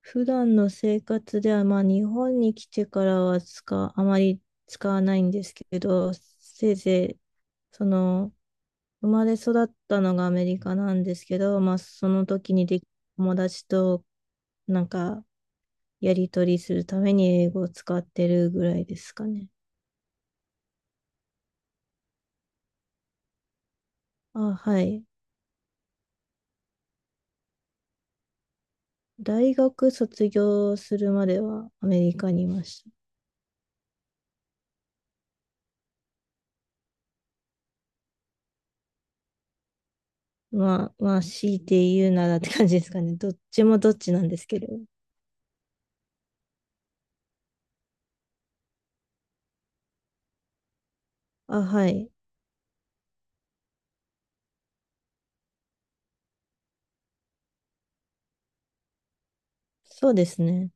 普段の生活では、まあ、日本に来てからはあまり使わないんですけど、せいぜい、その、生まれ育ったのがアメリカなんですけど、まあ、その時に友達となんか、やり取りするために英語を使ってるぐらいですかね。あ、はい。大学卒業するまではアメリカにいました。まあ、強いて言うならって感じですかね。どっちもどっちなんですけど。あ、はい。そうですね。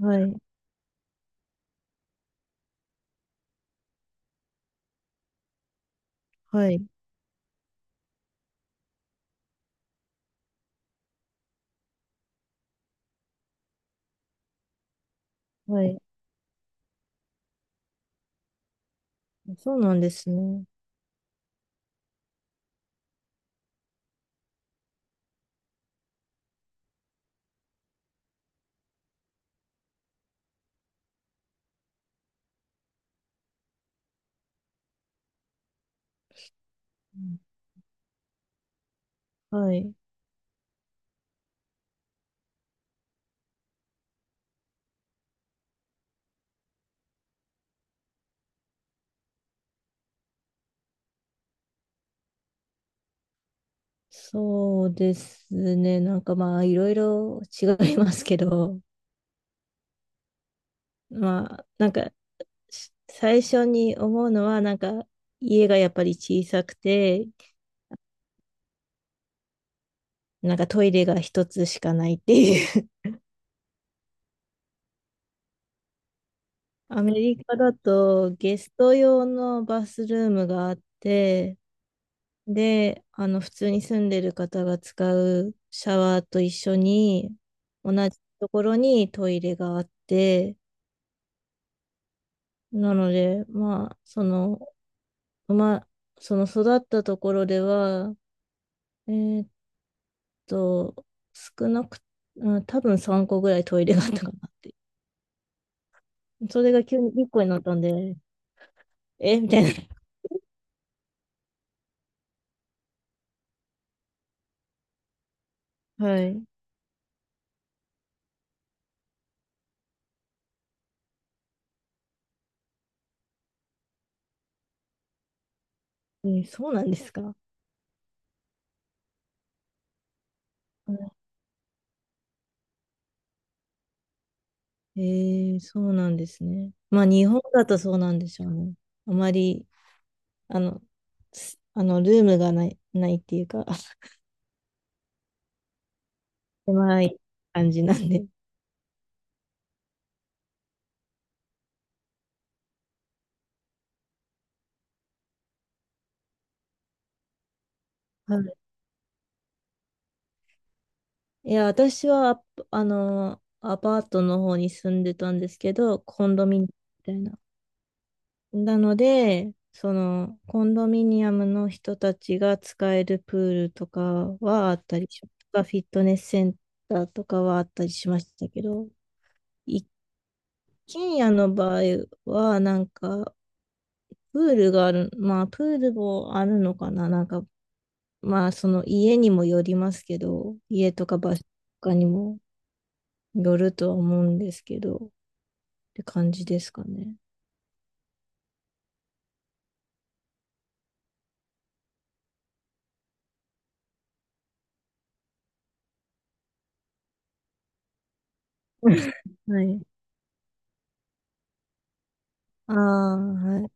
はい、はい、はい。そうなんですね。うんはい。そうですね。なんかまあ、いろいろ違いますけど、まあ、なんか、最初に思うのは、なんか、家がやっぱり小さくて、なんかトイレが一つしかないっていう。アメリカだとゲスト用のバスルームがあって、で、あの、普通に住んでる方が使うシャワーと一緒に、同じところにトイレがあって、なので、まあ、その、まあ、その育ったところでは、えーっと、少なく、うん、多分3個ぐらいトイレがあったかなって。それが急に1個になったんで、えみたいな。はい。そうなんですか。えそうなんですね。まあ、日本だとそうなんでしょうね。あまりあの、すあの、ルームがない、っていうか、狭い感じなんで。はいいや、私はアパートの方に住んでたんですけど、コンドミニアムみたいな。なので、その、コンドミニアムの人たちが使えるプールとかはあったりし、とかフィットネスセンターとかはあったりしましたけど、一軒家の場合は、なんか、プールがある、まあ、プールもあるのかな、なんか、まあ、その家にもよりますけど、家とか場所とかにもよるとは思うんですけど、って感じですかね。はい。ああ、はい。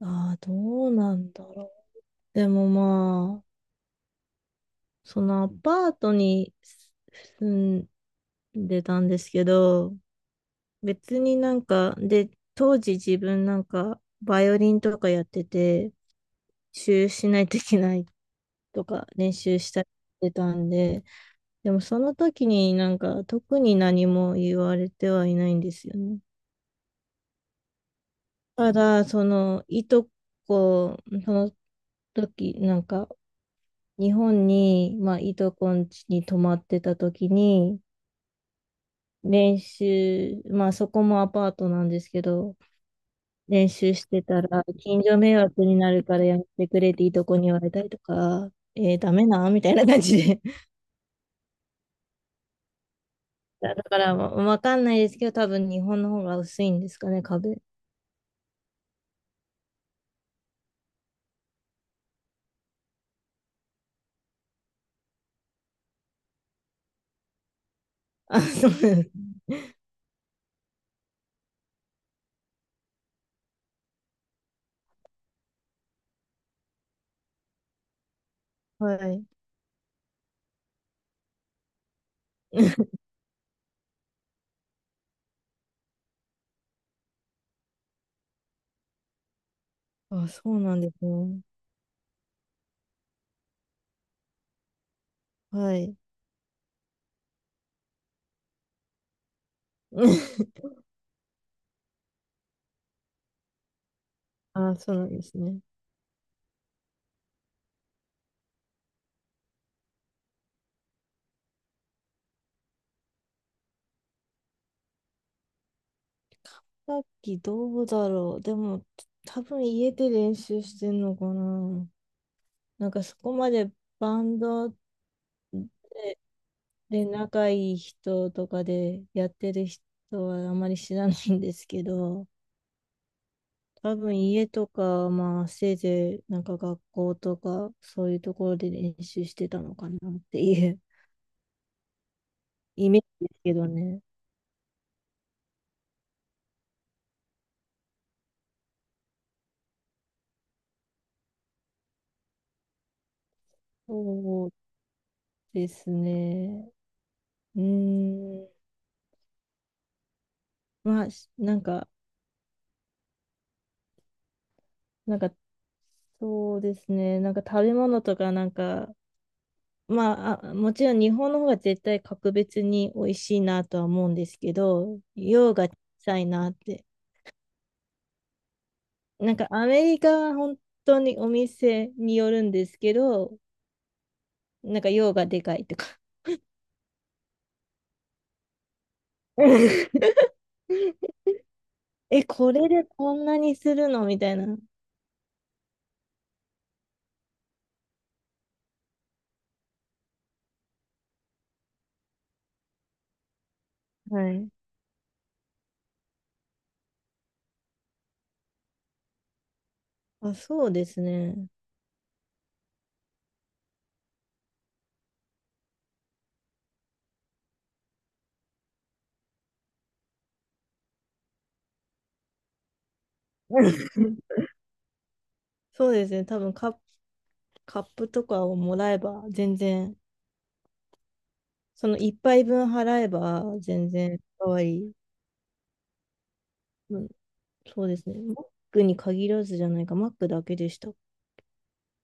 ああ、どうなんだろう。でもまあ、そのアパートに住んでたんですけど、別になんか、で、当時自分なんか、バイオリンとかやってて、練習しないといけないとか、練習したりしてたんで、でもその時になんか特に何も言われてはいないんですよね。ただ、そのいとこ、その時なんか日本に、まあ、いとこん家に泊まってた時に練習、まあそこもアパートなんですけど、練習してたら近所迷惑になるからやめてくれっていとこに言われたりとか、ダメなみたいな感じで。だからわかんないですけど、多分日本の方が薄いんですかね、壁。あ、そうなんですはい。あ、そうなんですね。はい。あ、そうなんですね。さっきどうだろう。でも、多分家で練習してんのかな。なんかそこまでバンドで、で仲いい人とかでやってる人はあまり知らないんですけど、多分家とか、まあせいぜいなんか学校とかそういうところで練習してたのかなっていうイメージですけどね。そうですね。うーん、まあ、なんか、そうですね、なんか食べ物とか、なんか、まあ、あ、もちろん日本の方が絶対格別に美味しいなとは思うんですけど、量が小さいなって。なんかアメリカは本当にお店によるんですけど、なんか量がでかいとか。え、これでこんなにするのみたいな。はい。あ、そうですね。そうですね。多分カップとかをもらえば全然、その一杯分払えば全然かわいい。うん、そうですね。マックに限らずじゃないか、マックだけでした。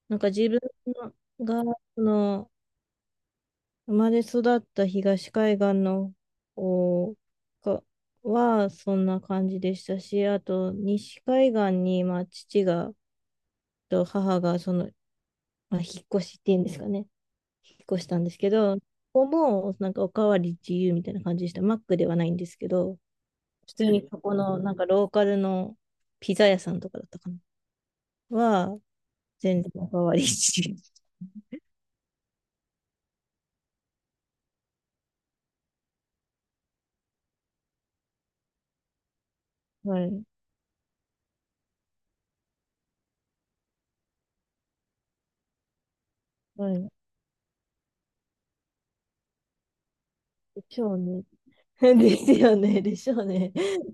なんか自分が、その、生まれ育った東海岸の方がはそんな感じでしたし、あと西海岸に、まあ、父がと母がその、まあ、引っ越しっていうんですかね、引っ越したんですけど、ここもなんかおかわり自由みたいな感じでした。マックではないんですけど、普通にここのなんかローカルのピザ屋さんとかだったかな。は、全然おかわり自由。はい。はい。でしょうね。ですよね。でしょうね。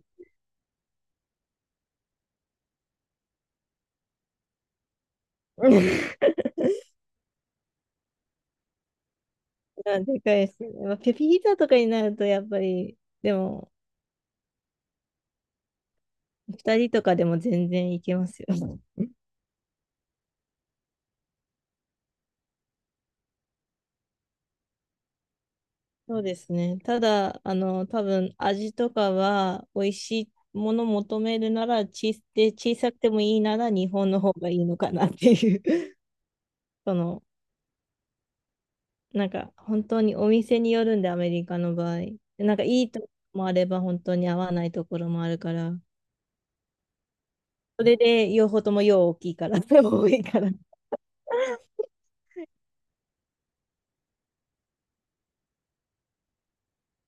あでかいですね。まあ、ピーザとかになるとやっぱり、でも、二人とかでも全然いけますよ。そうですね。ただ、あの、多分味とかは美味しいもの求めるなら、で、小さくてもいいなら日本の方がいいのかなっていう。その、なんか本当にお店によるんで、アメリカの場合。なんかいいとこもあれば本当に合わないところもあるから、それで両方とも量大きいから、多いから。